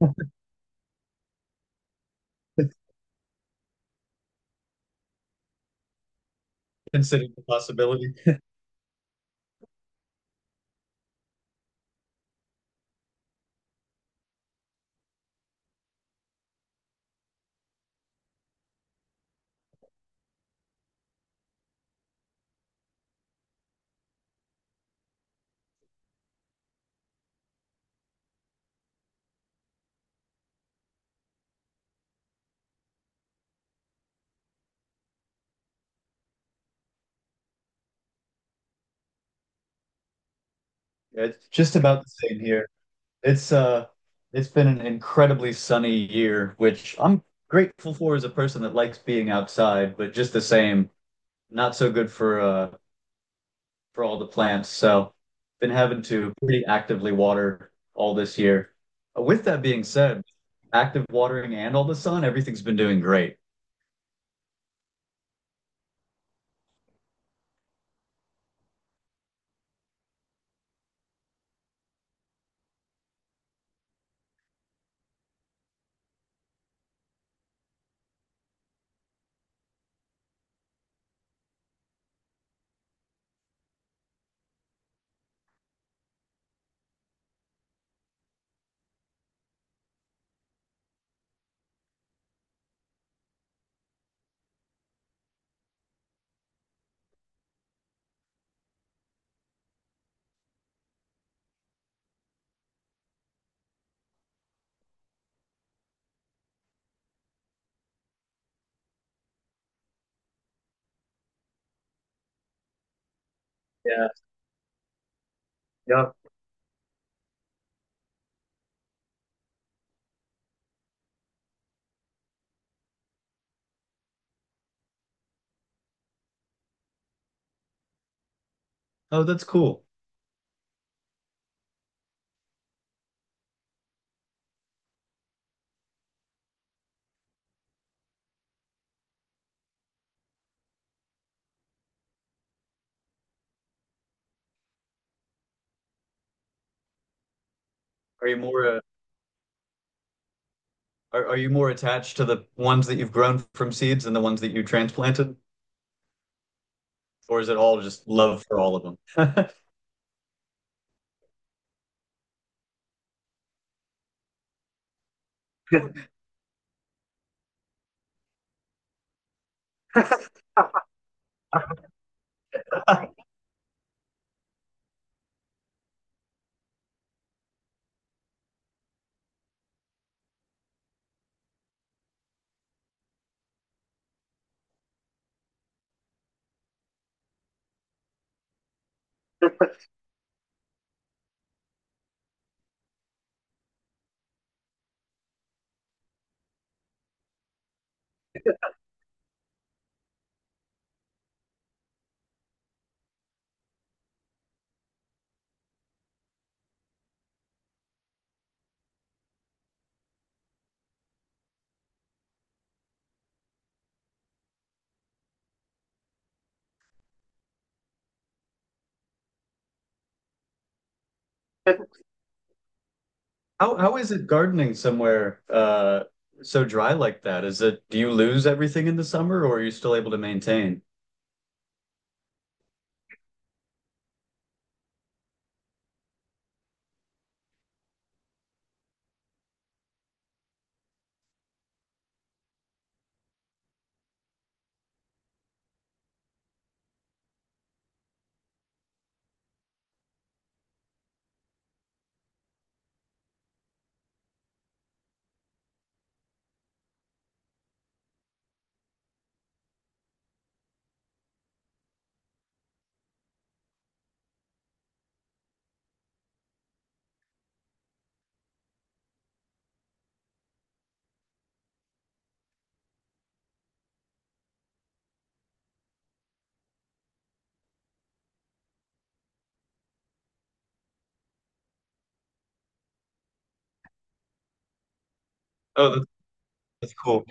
considering the possibility. Yeah, it's just about the same here. It's it's been an incredibly sunny year, which I'm grateful for as a person that likes being outside, but just the same, not so good for all the plants. So been having to pretty actively water all this year. With that being said, active watering and all the sun, everything's been doing great. Yeah. Yep. Oh, that's cool. Are you more uh? Are you more attached to the ones that you've grown from seeds than the ones that you transplanted? Or is it all just love for all of them? How is it gardening somewhere so dry like that? Is it do you lose everything in the summer or are you still able to maintain? Oh, that's cool.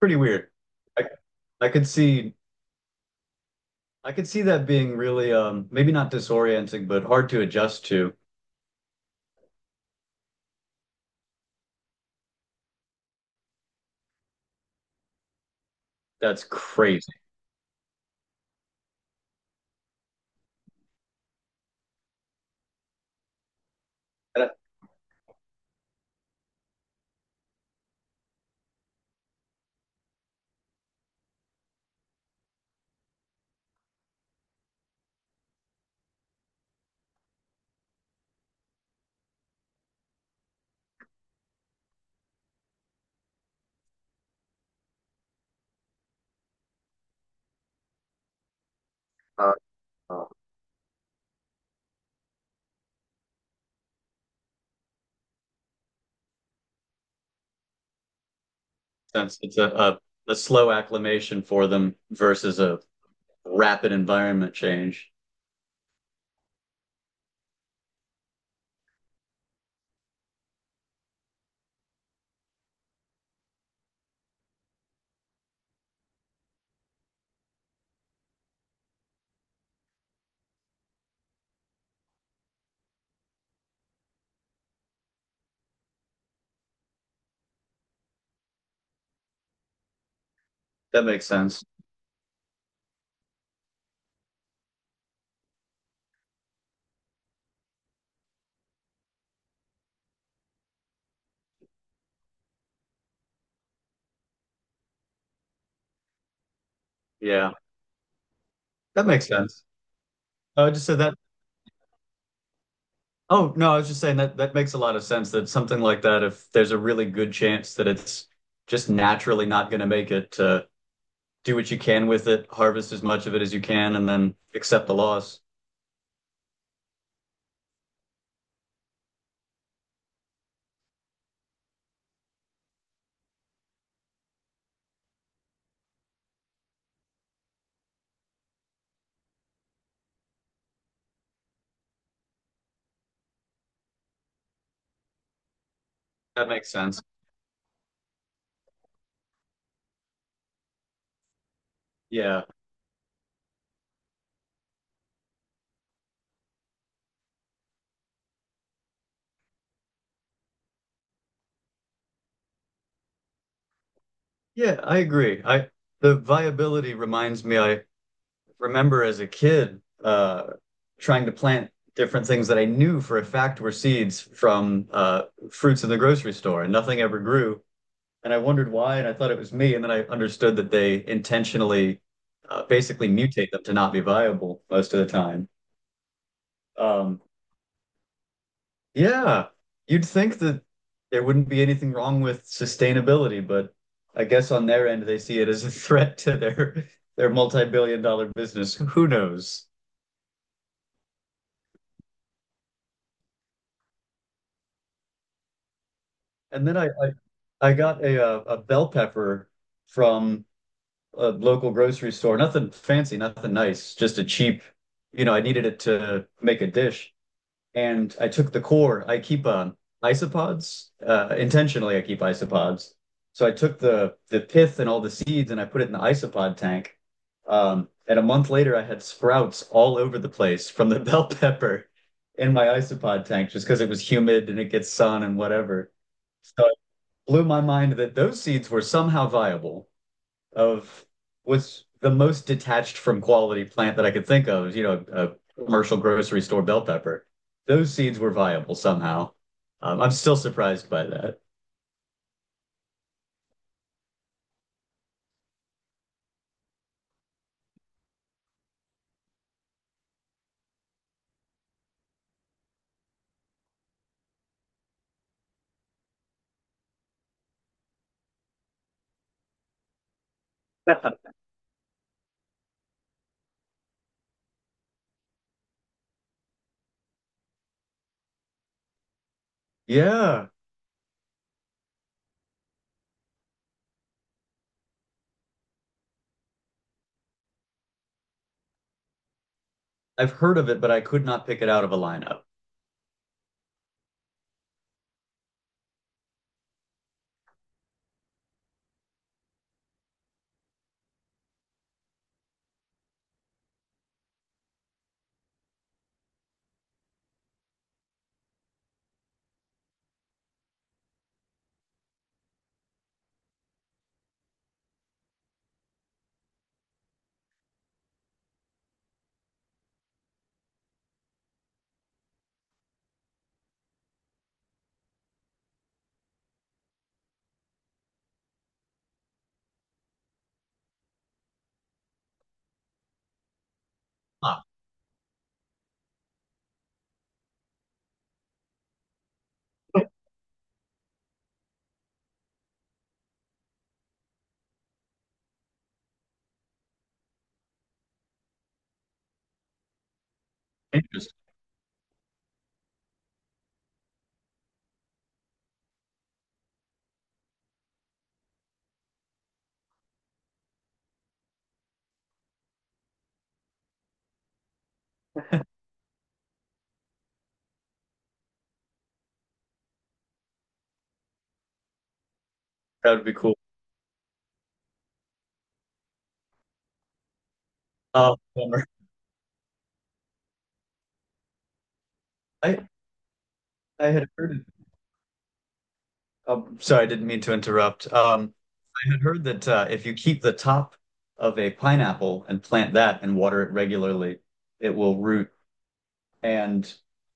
Pretty weird. I I could see I could see that being really maybe not disorienting but hard to adjust to. That's crazy. That- Uh, uh, That's a a slow acclimation for them versus a rapid environment change. That makes sense. Yeah, that makes sense. I just said that. Oh, no, I was just saying that that makes a lot of sense that something like that, if there's a really good chance that it's just naturally not going to make it, do what you can with it, harvest as much of it as you can, and then accept the loss. That makes sense. Yeah. Yeah, I agree. I The viability reminds me I remember as a kid trying to plant different things that I knew for a fact were seeds from fruits in the grocery store, and nothing ever grew. And I wondered why, and I thought it was me. And then I understood that they intentionally basically mutate them to not be viable most of the time. Um, yeah, you'd think that there wouldn't be anything wrong with sustainability, but I guess on their end, they see it as a threat to their multi-billion-dollar business. Who knows? And then I got a bell pepper from a local grocery store. Nothing fancy, nothing nice, just a cheap, you know, I needed it to make a dish. And I took the core. I keep isopods. Intentionally, I keep isopods. So I took the pith and all the seeds and I put it in the isopod tank. And a month later, I had sprouts all over the place from the bell pepper in my isopod tank just because it was humid and it gets sun and whatever. So blew my mind that those seeds were somehow viable of was the most detached from quality plant that I could think of, you know, a commercial grocery store bell pepper. Those seeds were viable somehow. I'm still surprised by that. Yeah, I've heard of it, but I could not pick it out of a lineup. Ah, interesting. That would be cool. Uh, I I had heard, oh, sorry, I didn't mean to interrupt. I had heard that if you keep the top of a pineapple and plant that and water it regularly, it will root. And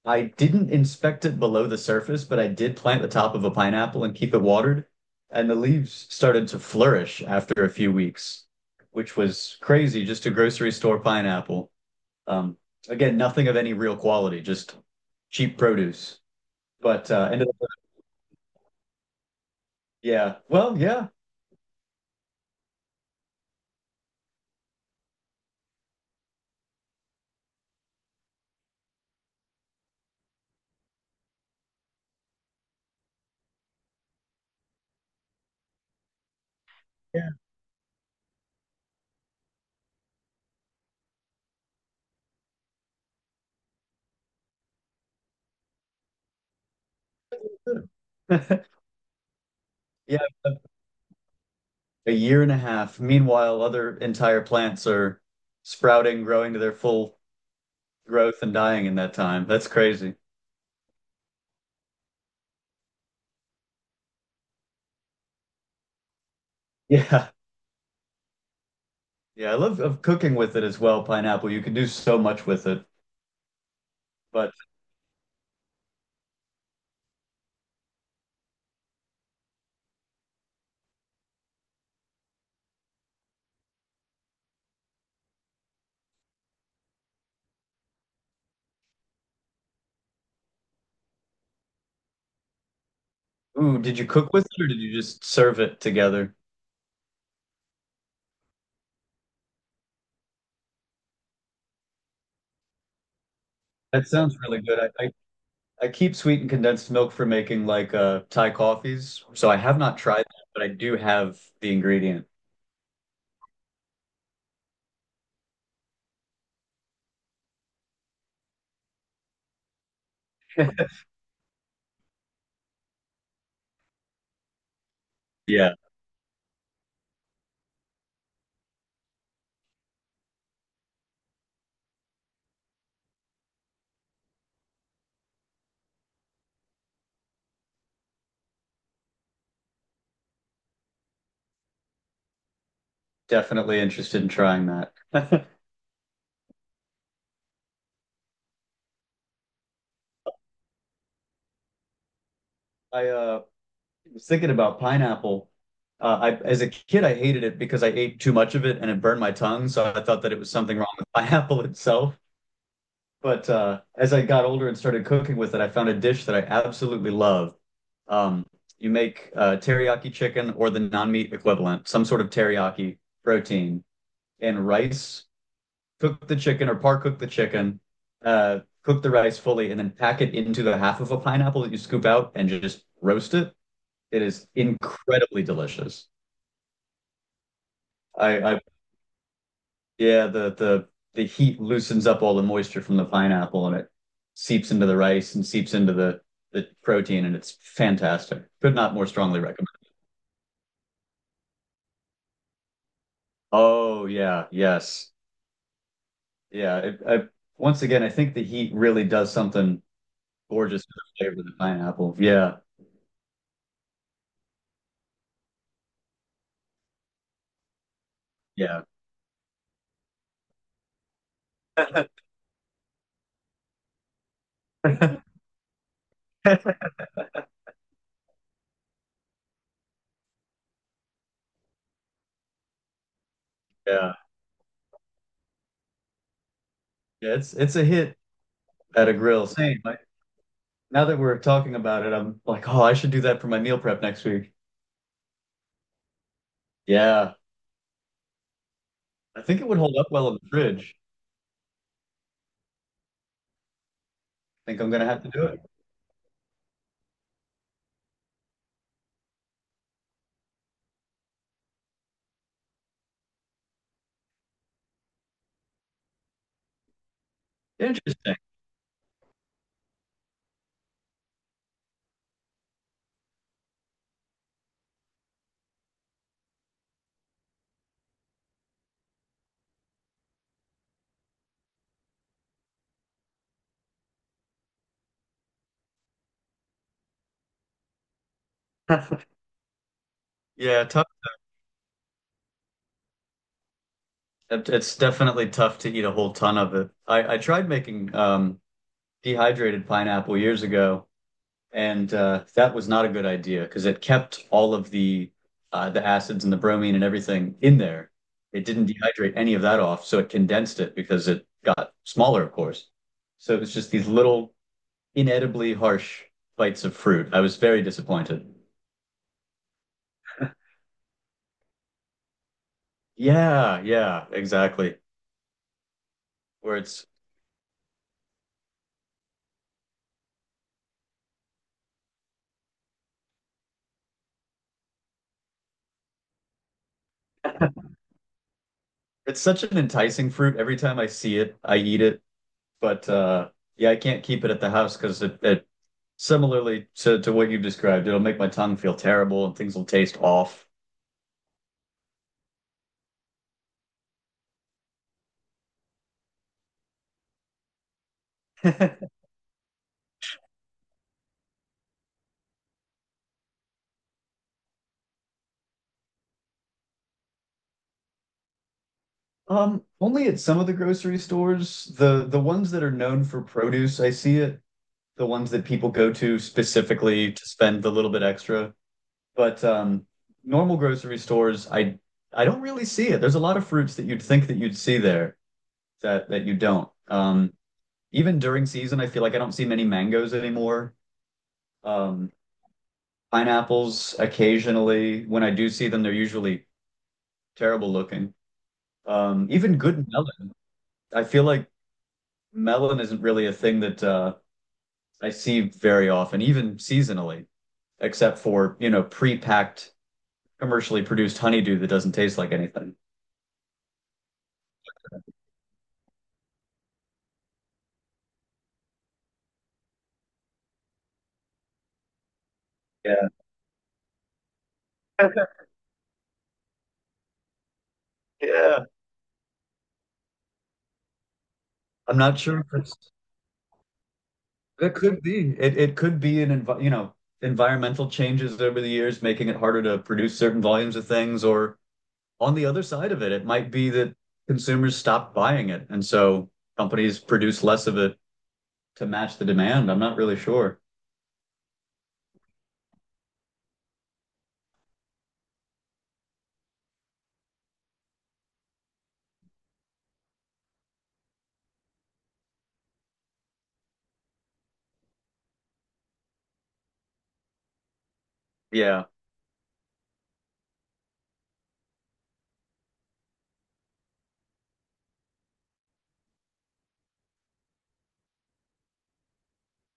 I didn't inspect it below the surface, but I did plant the top of a pineapple and keep it watered. And the leaves started to flourish after a few weeks, which was crazy. Just a grocery store pineapple. Um, again, nothing of any real quality, just cheap produce. But uh, ended up, yeah, yeah. Yeah. Yeah, a year and a half. Meanwhile, other entire plants are sprouting, growing to their full growth and dying in that time. That's crazy. Yeah. Yeah, I love of cooking with it as well, pineapple. You can do so much with it. But ooh, did you cook with it or did you just serve it together? That sounds really good. I keep sweetened condensed milk for making like Thai coffees. So I have not tried that, but I do have the ingredient. Yeah, definitely interested in trying that. I was thinking about pineapple. I, as a kid, I hated it because I ate too much of it and it burned my tongue. So I thought that it was something wrong with pineapple itself. But as I got older and started cooking with it, I found a dish that I absolutely love. Um, you make teriyaki chicken or the non-meat equivalent, some sort of teriyaki protein, and rice. Cook the chicken or par cook the chicken. Cook the rice fully and then pack it into the half of a pineapple that you scoop out and just roast it. It is incredibly delicious. I Yeah, the the heat loosens up all the moisture from the pineapple and it seeps into the rice and seeps into the protein and it's fantastic. Could not more strongly recommend. Oh yeah, yes. Yeah, it, I Once again, I think the heat really does something gorgeous to the flavor of the pineapple. Yeah. Yeah. Yeah. Yeah, it's a hit at a grill. Same. Like, now that we're talking about it, I'm like, "Oh, I should do that for my meal prep next week." Yeah. I think it would hold up well in the fridge. I think I'm gonna have to do it. Interesting. Yeah, tough. It- It's definitely tough to eat a whole ton of it. I tried making dehydrated pineapple years ago, and that was not a good idea because it kept all of the acids and the bromine and everything in there. It didn't dehydrate any of that off, so it condensed it because it got smaller, of course. So it was just these little inedibly harsh bites of fruit. I was very disappointed. Yeah, yeah, exactly. Where It's such an enticing fruit. Every time I see it, I eat it. But yeah, I can't keep it at the house because it similarly to what you described, it'll make my tongue feel terrible and things will taste off. Only at some of the grocery stores, the ones that are known for produce, I see it. The ones that people go to specifically to spend the little bit extra. But normal grocery stores, I don't really see it. There's a lot of fruits that you'd think that you'd see there that you don't. Even during season, I feel like I don't see many mangoes anymore. Um, pineapples occasionally. When I do see them, they're usually terrible looking. Even good melon. I feel like melon isn't really a thing that I see very often, even seasonally, except for, you know, pre-packed, commercially produced honeydew that doesn't taste like anything. Yeah. Yeah, I'm not sure if it could be. It could be an envi you know, environmental changes over the years, making it harder to produce certain volumes of things, or on the other side of it, it might be that consumers stop buying it, and so companies produce less of it to match the demand. I'm not really sure. Yeah,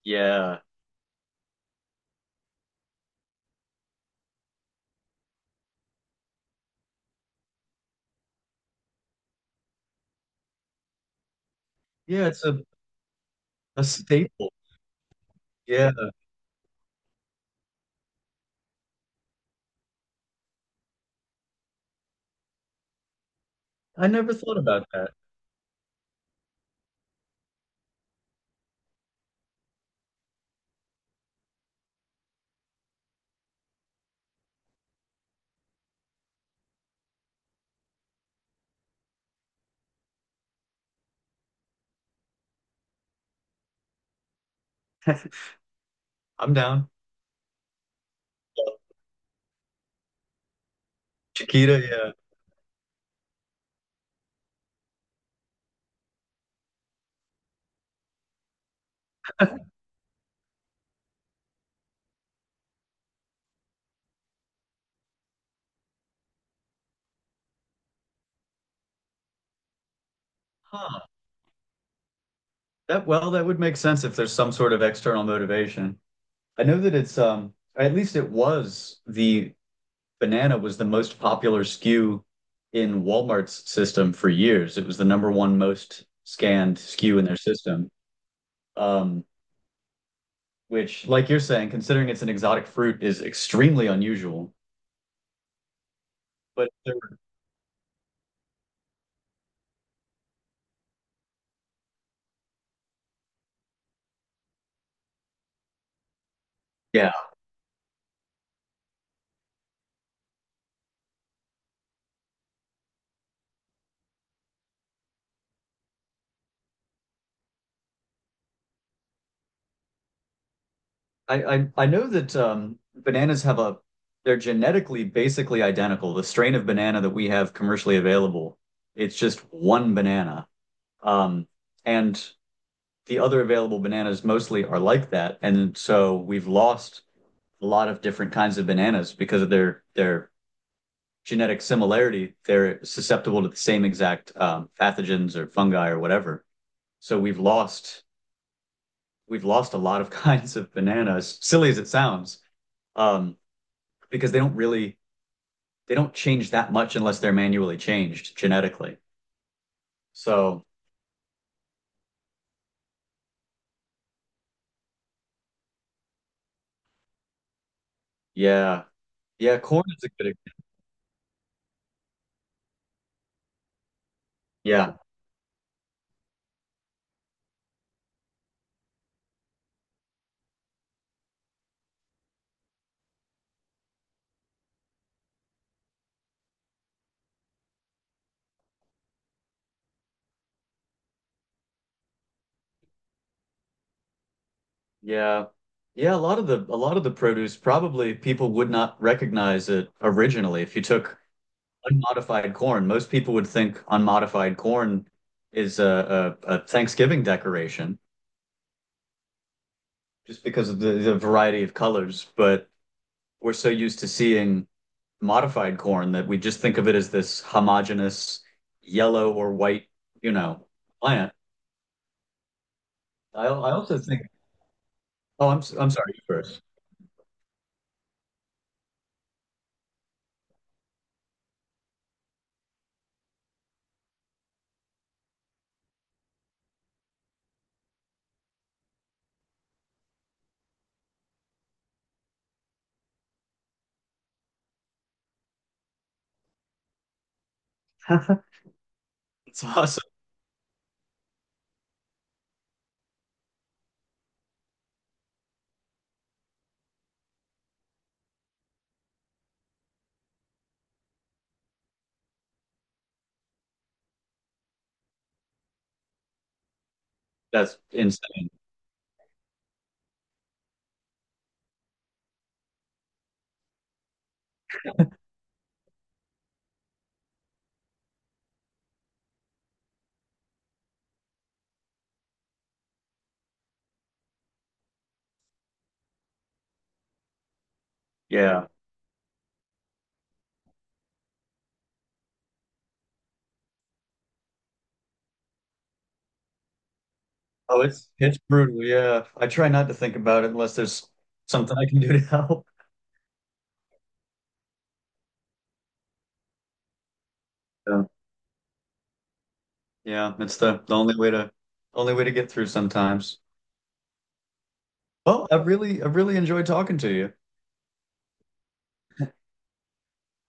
yeah. Yeah, it's a staple. Yeah. I never thought about that. I'm down. Chiquita, yeah. Huh. That well, that would make sense if there's some sort of external motivation. I know that it's at least it was the banana was the most popular SKU in Walmart's system for years. It was the #1 most scanned SKU in their system. Um, which, like you're saying, considering it's an exotic fruit, is extremely unusual. But there Yeah, I know that bananas have a they're genetically basically identical. The strain of banana that we have commercially available, it's just one banana. Um, and the other available bananas mostly are like that. And so we've lost a lot of different kinds of bananas because of their genetic similarity. They're susceptible to the same exact pathogens or fungi or whatever. So we've lost a lot of kinds of bananas. Silly as it sounds, um, because they don't really they don't change that much unless they're manually changed genetically. So yeah, yeah, corn is a good. Example. Yeah. Yeah. Yeah, a lot of the produce probably people would not recognize it originally. If you took unmodified corn, most people would think unmodified corn is a Thanksgiving decoration just because of the variety of colors. But we're so used to seeing modified corn that we just think of it as this homogeneous yellow or white, you know, plant. I also think, oh, I'm sorry, you first. It's awesome. That's insane. Yeah. Oh, it's brutal. Yeah, I try not to think about it unless there's something I can do to help. Yeah, yeah, it's the only way to get through sometimes. Well, I've really enjoyed talking to you.